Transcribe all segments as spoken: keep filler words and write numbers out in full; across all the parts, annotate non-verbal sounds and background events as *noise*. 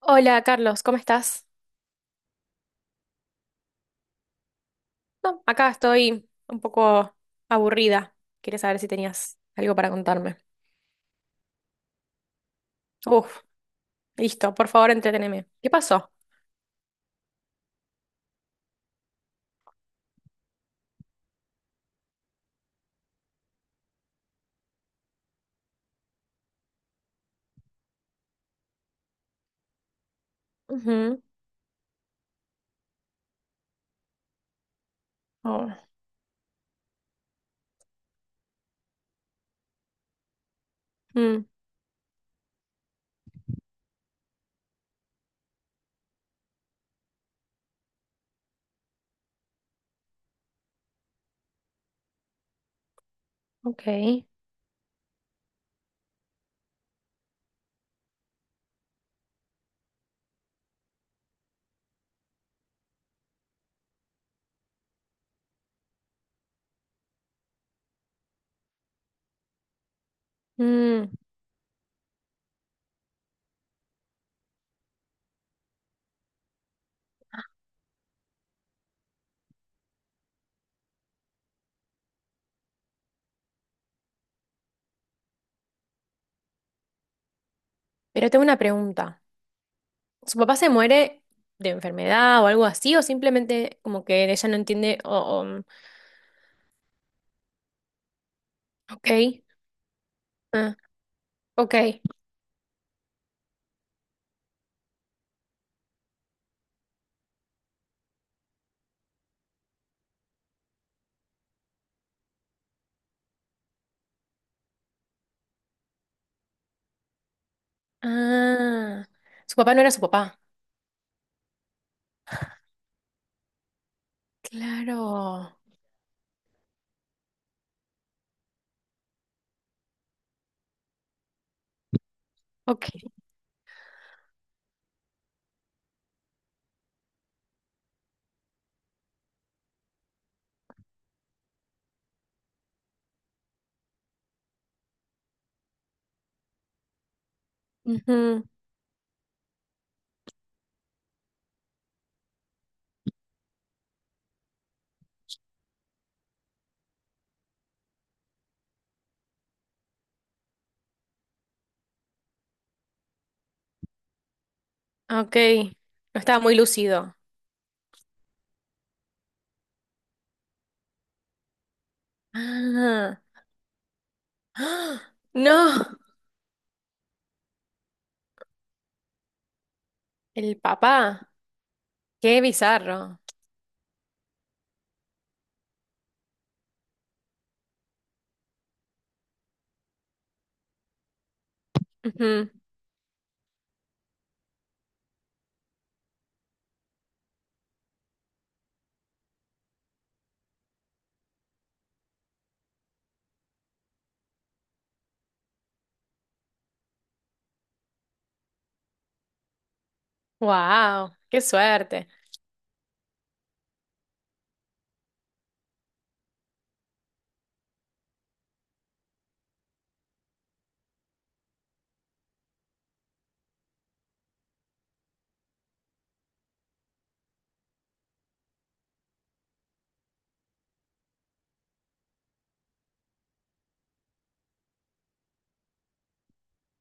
Hola Carlos, ¿cómo estás? No, acá estoy un poco aburrida. Quería saber si tenías algo para contarme. Uf, listo, por favor, entreteneme. ¿Qué pasó? Ujú. Oh. Mm. Ok. Mm. Pero tengo una pregunta. ¿Su papá se muere de enfermedad o algo así? ¿O simplemente como que ella no entiende? O, o, mm. Ok. Ah. Ok. Ah, su papá no era su papá. Claro. Ok. Ujú. Ok. No estaba muy lúcido. Ah, ¡ah! No, el papá, qué bizarro. Wow, qué suerte.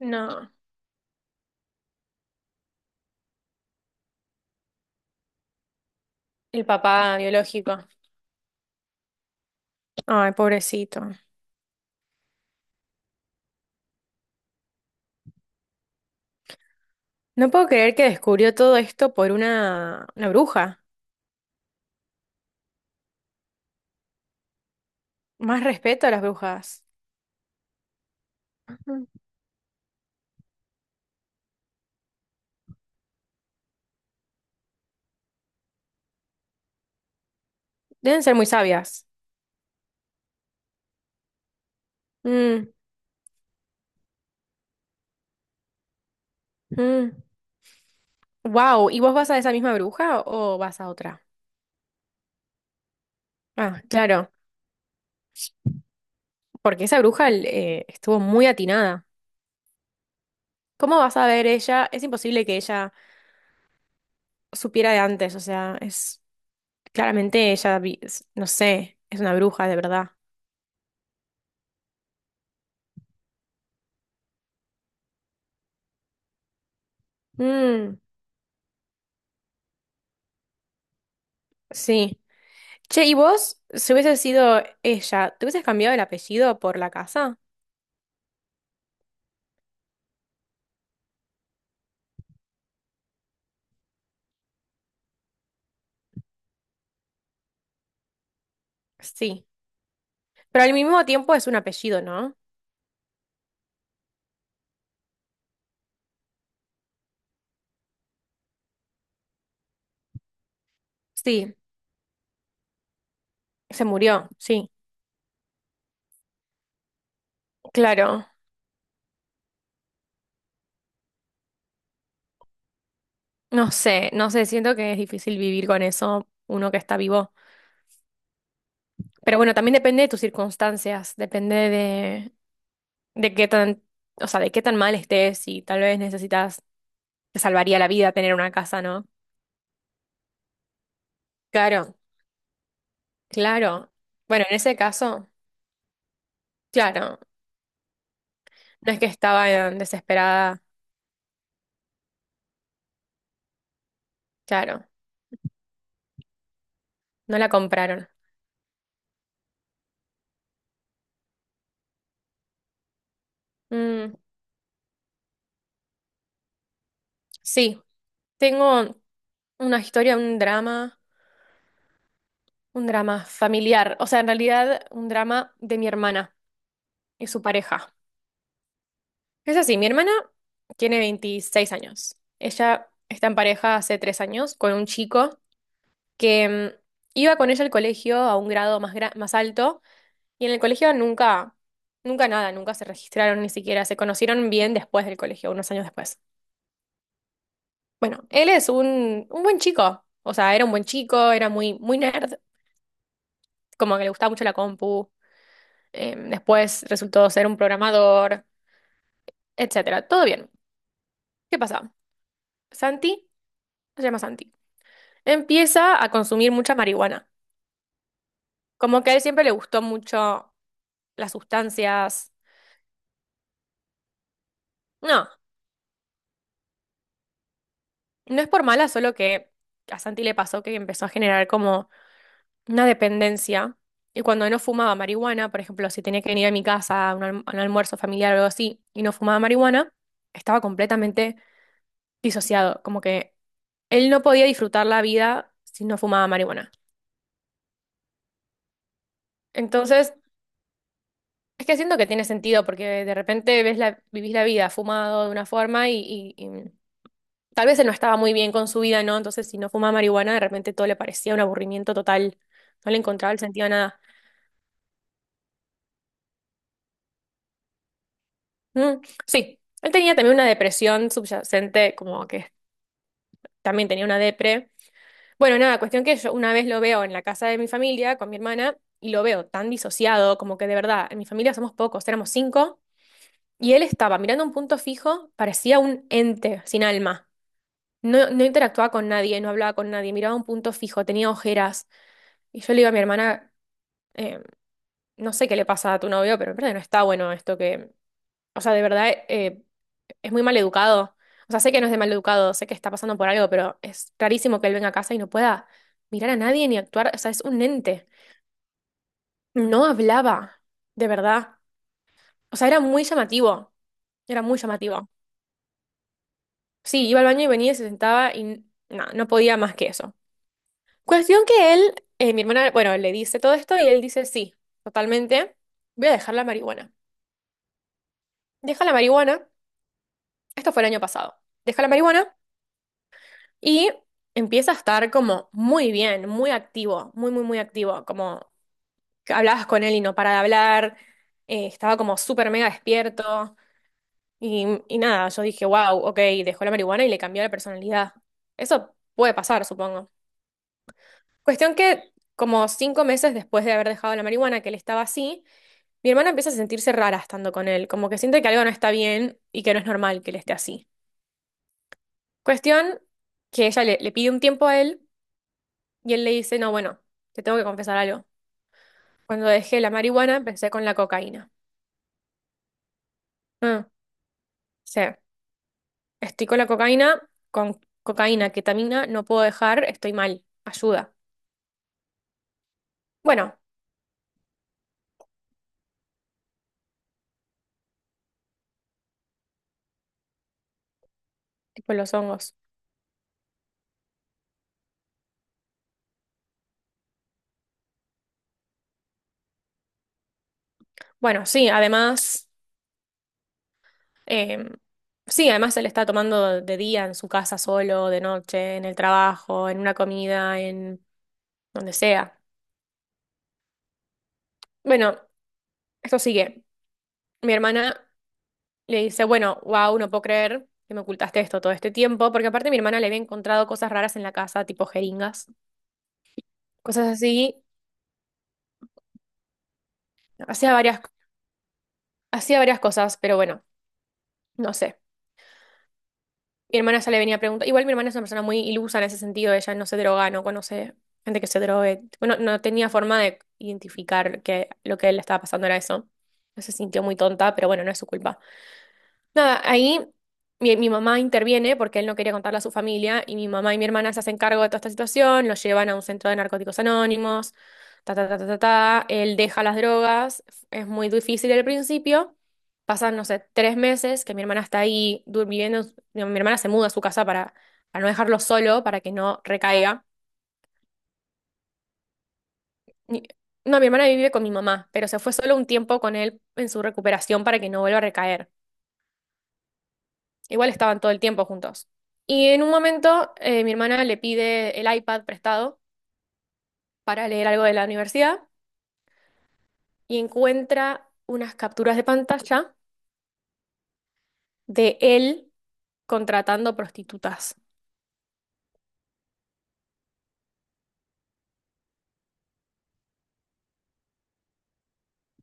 No, el papá biológico. Ay, pobrecito. No puedo creer que descubrió todo esto por una, una bruja. Más respeto a las brujas. Mm. Deben ser muy sabias. Mm. Mm. Wow, ¿y vos vas a esa misma bruja o vas a otra? Ah, claro, porque esa bruja eh, estuvo muy atinada. ¿Cómo vas a ver ella? Es imposible que ella supiera de antes, o sea, es claramente ella, vi- es- no sé, es una bruja de verdad. Mm, sí. Che, ¿y vos, si hubiese sido ella, te hubieses cambiado el apellido por la casa? Sí. Pero al mismo tiempo es un apellido, ¿no? Sí, se murió, sí. Claro. No sé, no sé, siento que es difícil vivir con eso, uno que está vivo. Pero bueno, también depende de tus circunstancias, depende de, de qué tan, o sea, de qué tan mal estés y tal vez necesitas te salvaría la vida tener una casa, ¿no? Claro, claro. Bueno, en ese caso, claro, no es que estaba eh, desesperada, claro, no la compraron. Mm, sí, tengo una historia, un drama, un drama familiar, o sea, en realidad un drama de mi hermana y su pareja. Es así, mi hermana tiene veintiséis años. Ella está en pareja hace tres años con un chico que mm, iba con ella al colegio a un grado más, gra- más alto. Y en el colegio nunca, nunca nada, nunca se registraron ni siquiera, se conocieron bien después del colegio, unos años después. Bueno, él es un, un buen chico, o sea, era un buen chico, era muy, muy nerd, como que le gustaba mucho la compu, eh, después resultó ser un programador, etcétera. Todo bien. ¿Qué pasa? Santi, se llama Santi, empieza a consumir mucha marihuana. Como que a él siempre le gustó mucho las sustancias. No, no es por mala, solo que a Santi le pasó que empezó a generar como una dependencia. Y cuando no fumaba marihuana, por ejemplo, si tenía que venir a mi casa a un, alm- a un almuerzo familiar o algo así, y no fumaba marihuana, estaba completamente disociado. Como que él no podía disfrutar la vida si no fumaba marihuana. Entonces, es que siento que tiene sentido, porque de repente ves la, vivís la vida fumado de una forma y, y- y tal vez él no estaba muy bien con su vida, ¿no? Entonces, si no fumaba marihuana, de repente todo le parecía un aburrimiento total. No le encontraba el sentido a nada. Mm, sí, él tenía también una depresión subyacente, como que también tenía una depre. Bueno, nada, cuestión que yo una vez lo veo en la casa de mi familia con mi hermana y lo veo tan disociado, como que de verdad, en mi familia somos pocos, éramos cinco, y él estaba mirando un punto fijo, parecía un ente sin alma. No, no interactuaba con nadie, no hablaba con nadie, miraba un punto fijo, tenía ojeras. Y yo le digo a mi hermana, eh, no sé qué le pasa a tu novio, pero en verdad no está bueno esto que, o sea, de verdad, eh, es muy mal educado. O sea, sé que no es de mal educado, sé que está pasando por algo, pero es rarísimo que él venga a casa y no pueda mirar a nadie ni actuar. O sea, es un ente. No hablaba, de verdad. O sea, era muy llamativo. Era muy llamativo. Sí, iba al baño y venía y se sentaba y n- no, no podía más que eso. Cuestión que él, eh, mi hermana, bueno, le dice todo esto y él dice, sí, totalmente, voy a dejar la marihuana. Deja la marihuana, esto fue el año pasado. Deja la marihuana. Y empieza a estar como muy bien, muy activo, muy, muy, muy activo, como que hablabas con él y no para de hablar, eh, estaba como súper mega despierto y, y nada, yo dije, wow, ok, dejó la marihuana y le cambió la personalidad. Eso puede pasar, supongo. Cuestión que como cinco meses después de haber dejado la marihuana, que él estaba así, mi hermana empieza a sentirse rara estando con él, como que siente que algo no está bien y que no es normal que él esté así. Cuestión que ella le, le pide un tiempo a él. Y él le dice, no, bueno, te tengo que confesar algo. Cuando dejé la marihuana, empecé con la cocaína. Ah, o sea, estoy con la cocaína, con cocaína, ketamina, no puedo dejar, estoy mal. Ayuda. Bueno, tipo los hongos. Bueno, sí, además, em, sí, además él está tomando de día en su casa solo, de noche, en el trabajo, en una comida, en donde sea. Bueno, esto sigue. Mi hermana Le dice, bueno, wow, no puedo creer que me ocultaste esto todo este tiempo, porque aparte mi hermana le había encontrado cosas raras en la casa, tipo jeringas, cosas así. Hacía varias, hacía varias cosas, pero bueno, no sé. Mi hermana ya le venía a preguntar. Igual mi hermana es una persona muy ilusa en ese sentido, ella no se droga, no conoce gente que se drogue. Bueno, no tenía forma de identificar que lo que le estaba pasando era eso. No se sintió muy tonta, pero bueno, no es su culpa. Nada, ahí mi, mi mamá interviene porque él no quería contarle a su familia y mi mamá y mi hermana se hacen cargo de toda esta situación, lo llevan a un centro de narcóticos anónimos, ta, ta, ta, ta, ta, ta, él deja las drogas, es muy difícil al principio, pasan, no sé, tres meses que mi hermana está ahí durmiendo, mi hermana se muda a su casa para, para no dejarlo solo, para que no recaiga. Ni- No, mi hermana vive con mi mamá, pero se fue solo un tiempo con él en su recuperación para que no vuelva a recaer. Igual estaban todo el tiempo juntos. Y en un momento eh, mi hermana le pide el iPad prestado para leer algo de la universidad y encuentra unas capturas de pantalla de él contratando prostitutas.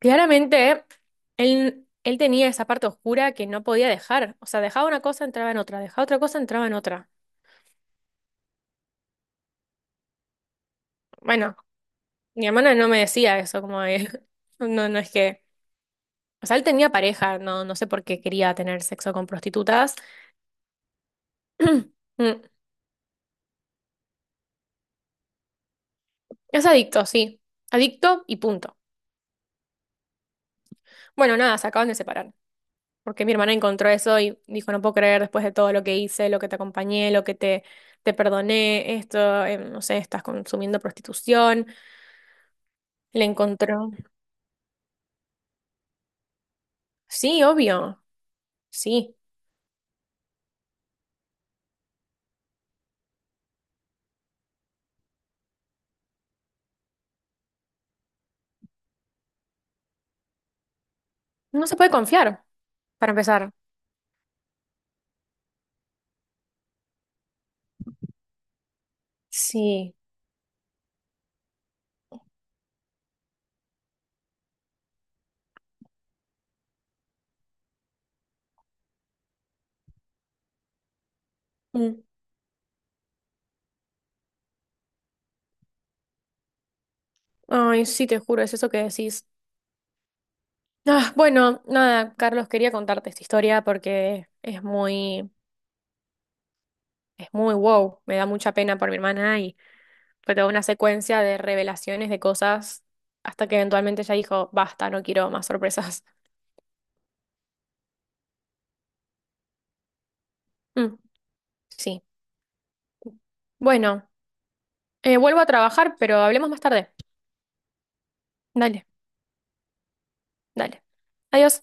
Claramente, él, él tenía esa parte oscura que no podía dejar. O sea, dejaba una cosa, entraba en otra, dejaba otra cosa, entraba en otra. Bueno, mi hermana no me decía eso, como de- *laughs* no, no es que. O sea, él tenía pareja, no, no sé por qué quería tener sexo con prostitutas. *clears throat* Mm. Es adicto, sí. Adicto y punto. Bueno, nada, se acaban de separar. Porque mi hermana encontró eso y dijo, no puedo creer después de todo lo que hice, lo que te acompañé, lo que te, te perdoné, esto, eh, no sé, estás consumiendo prostitución. Le encontró. Sí, obvio. Sí. No se puede confiar, para empezar. Sí. Mm. Ay, sí, te juro, es eso que decís. Ah, bueno, nada, Carlos, quería contarte esta historia porque es muy, es muy wow. Me da mucha pena por mi hermana. Fue toda una secuencia de revelaciones de cosas hasta que eventualmente ella dijo, basta, no quiero más sorpresas. *laughs* Mm, sí. Bueno, eh, vuelvo a trabajar, pero hablemos más tarde. Dale, dale. Adiós.